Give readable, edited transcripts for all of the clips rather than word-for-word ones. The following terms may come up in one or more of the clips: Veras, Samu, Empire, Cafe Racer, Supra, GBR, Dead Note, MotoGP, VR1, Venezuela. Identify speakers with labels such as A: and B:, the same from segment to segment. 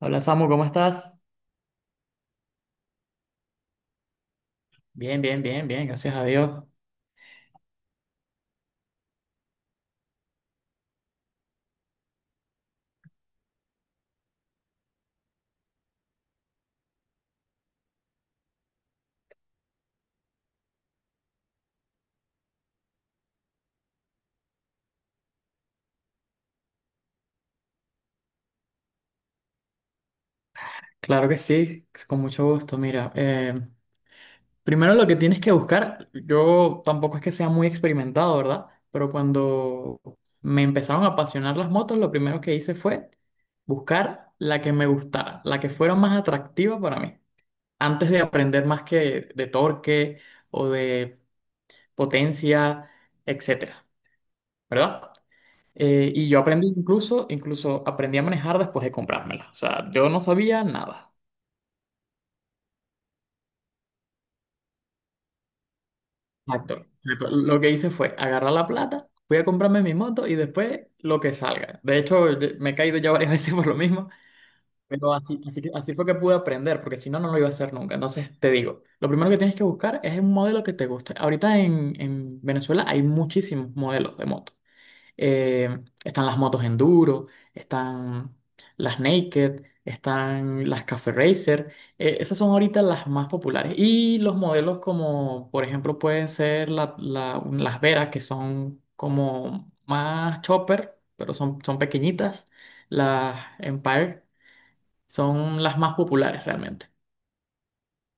A: Hola Samu, ¿cómo estás? Bien, bien, bien, bien, gracias a Dios. Claro que sí, con mucho gusto. Mira, primero lo que tienes que buscar, yo tampoco es que sea muy experimentado, ¿verdad? Pero cuando me empezaron a apasionar las motos, lo primero que hice fue buscar la que me gustara, la que fuera más atractiva para mí. Antes de aprender más que de torque o de potencia, etcétera, ¿verdad? Y yo aprendí incluso aprendí a manejar después de comprármela. O sea, yo no sabía nada. Exacto. Exacto. Lo que hice fue agarrar la plata, fui a comprarme mi moto y después lo que salga. De hecho, me he caído ya varias veces por lo mismo, pero así, así, así fue que pude aprender, porque si no, no lo iba a hacer nunca. Entonces, te digo, lo primero que tienes que buscar es un modelo que te guste. Ahorita en Venezuela hay muchísimos modelos de moto. eh, Están las motos enduro, están las naked, están las Cafe Racer. Esas son ahorita las más populares. Y los modelos como, por ejemplo, pueden ser las Veras, que son como más chopper, pero son pequeñitas. Las Empire son las más populares realmente.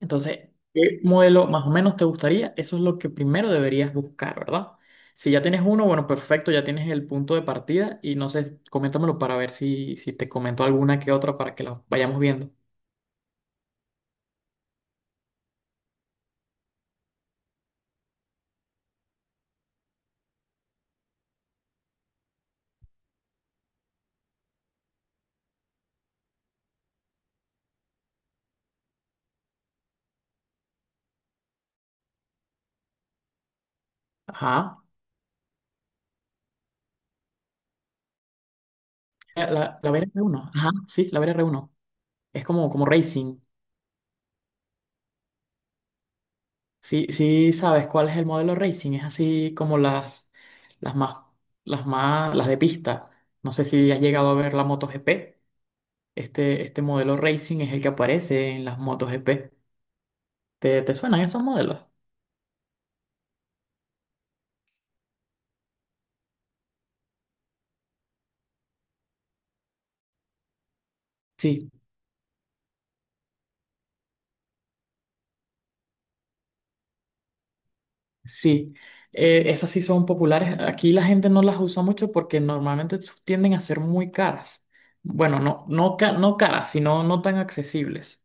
A: Entonces, ¿qué modelo más o menos te gustaría? Eso es lo que primero deberías buscar, ¿verdad? Si ya tienes uno, bueno, perfecto, ya tienes el punto de partida y no sé, coméntamelo para ver si te comento alguna que otra para que la vayamos viendo. Ajá. La VR1. Ajá, sí, la VR Uno. Es como racing. Sí, sí, sabes cuál es el modelo racing. Es así como las más, las las de pista. No sé si has llegado a ver la MotoGP. Este modelo racing es el que aparece en las MotoGP. ¿Te suenan esos modelos? Sí, sí, esas sí son populares. Aquí la gente no las usa mucho porque normalmente tienden a ser muy caras. Bueno, no, no, no caras, sino no tan accesibles.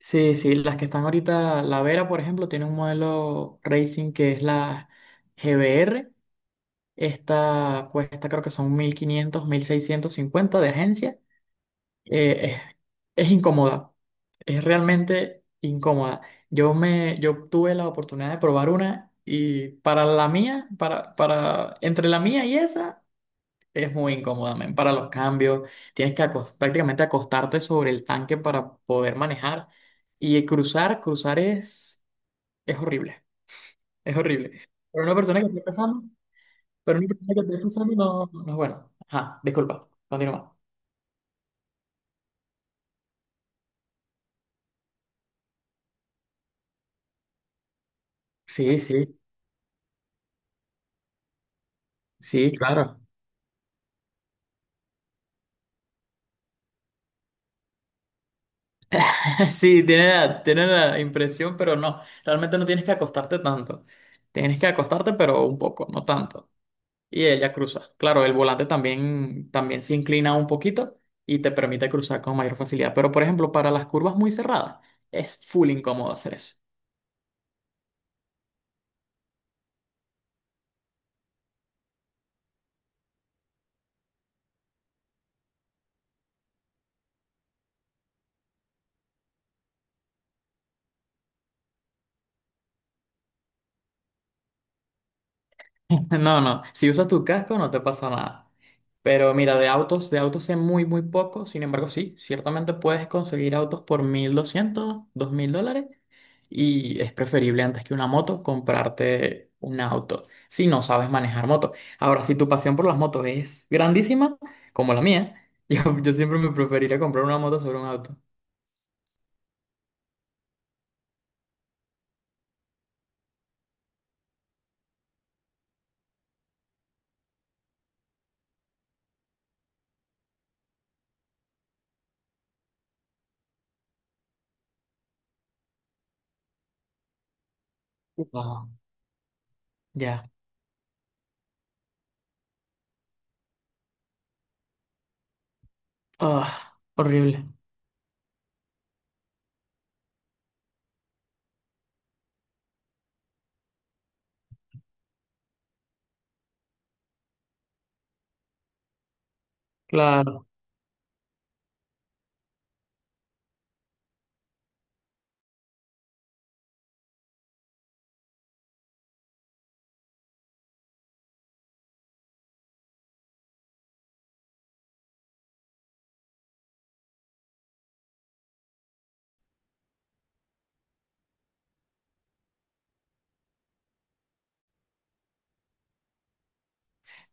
A: Sí, sí, las que están ahorita, la Vera, por ejemplo, tiene un modelo Racing que es la GBR. Esta cuesta creo que son mil 1.500 1.650 de agencia. Eh, es, es incómoda, es realmente incómoda. Yo tuve la oportunidad de probar una y para la mía, para entre la mía y esa, es muy incómoda, men, para los cambios. Tienes que prácticamente acostarte sobre el tanque para poder manejar y cruzar es horrible, es horrible. Pero una persona que esté empezando, pero una persona que esté empezando no, no es bueno. Ajá, disculpa, continúa. Sí, sí, sí, claro. Sí, tiene la impresión, pero no. Realmente no tienes que acostarte tanto. Tienes que acostarte, pero un poco, no tanto. Y ella cruza. Claro, el volante también se inclina un poquito y te permite cruzar con mayor facilidad. Pero, por ejemplo, para las curvas muy cerradas, es full incómodo hacer eso. No, no, si usas tu casco no te pasa nada. Pero mira, de autos sé muy, muy poco. Sin embargo, sí, ciertamente puedes conseguir autos por 1.200, $2.000. Y es preferible antes que una moto comprarte un auto si no sabes manejar moto. Ahora, si tu pasión por las motos es grandísima, como la mía, yo siempre me preferiría comprar una moto sobre un auto. Ah, ya. Ah, horrible. Claro.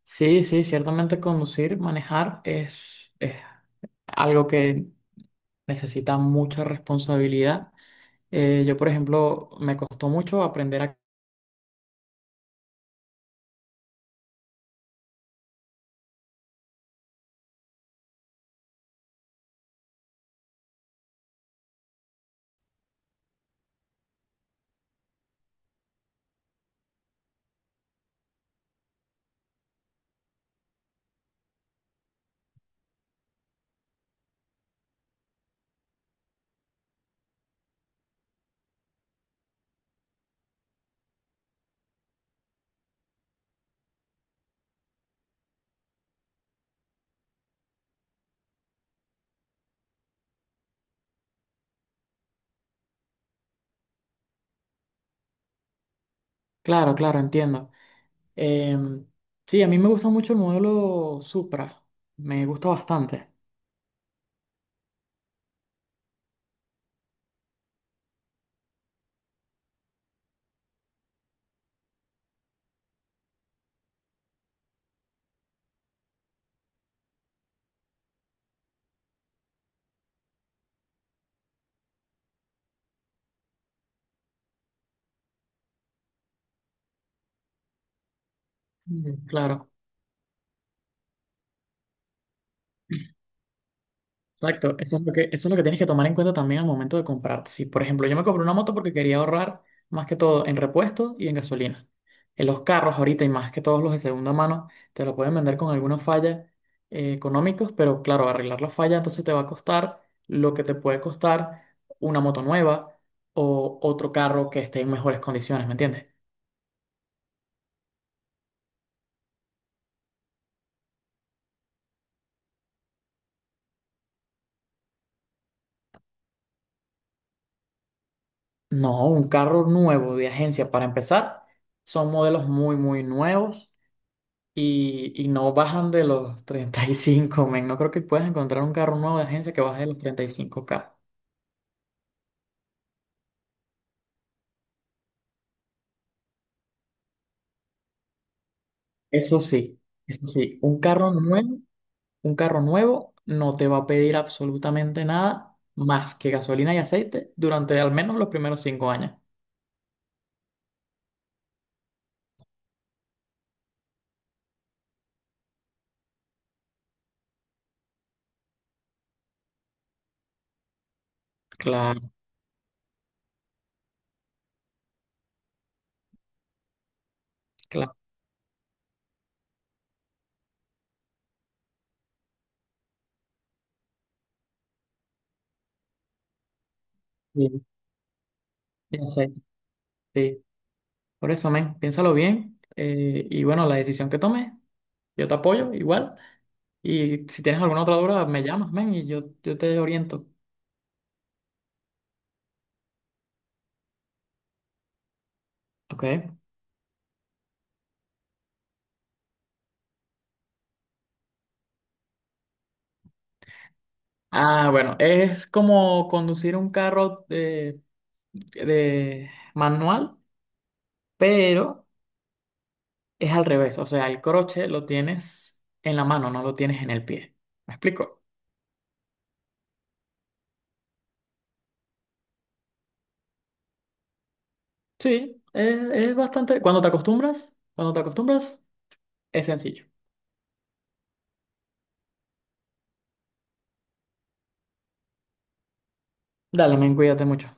A: Sí, sí, ciertamente conducir, manejar es algo que necesita mucha responsabilidad. Yo, por ejemplo, me costó mucho aprender a... Claro, claro, entiendo. Em, sí, a mí me gusta mucho el modelo Supra, me gusta bastante. Mm, claro. Exacto, eso es lo que tienes que tomar en cuenta también al momento de comprarte. Si, por ejemplo, yo me compré una moto porque quería ahorrar más que todo en repuestos y en gasolina. En los carros ahorita y más que todos los de segunda mano, te lo pueden vender con alguna falla económicos, pero claro, arreglar la falla entonces te va a costar lo que te puede costar una moto nueva o otro carro que esté en mejores condiciones, ¿me entiendes? No, un carro nuevo de agencia para empezar, son modelos muy, muy nuevos y no bajan de los 35 men. No creo que puedas encontrar un carro nuevo de agencia que baje de los 35K. Eso sí, eso sí, un carro nuevo no te va a pedir absolutamente nada más que gasolina y aceite durante al menos los primeros 5 años. Claro, claro. Sí, y aceite, sí. Por eso, men, piénsalo bien. Y bueno, la decisión que tomes, yo te apoyo igual. Y si tienes alguna otra duda, me llamas, men, y yo te oriento. Ok. Ah, bueno, es como conducir un carro de manual, pero es al revés. O sea, el croche lo tienes en la mano, no lo tienes en el pie. ¿Me explico? Sí, es bastante. Cuando te acostumbras, es sencillo. Dale, men, cuídate mucho.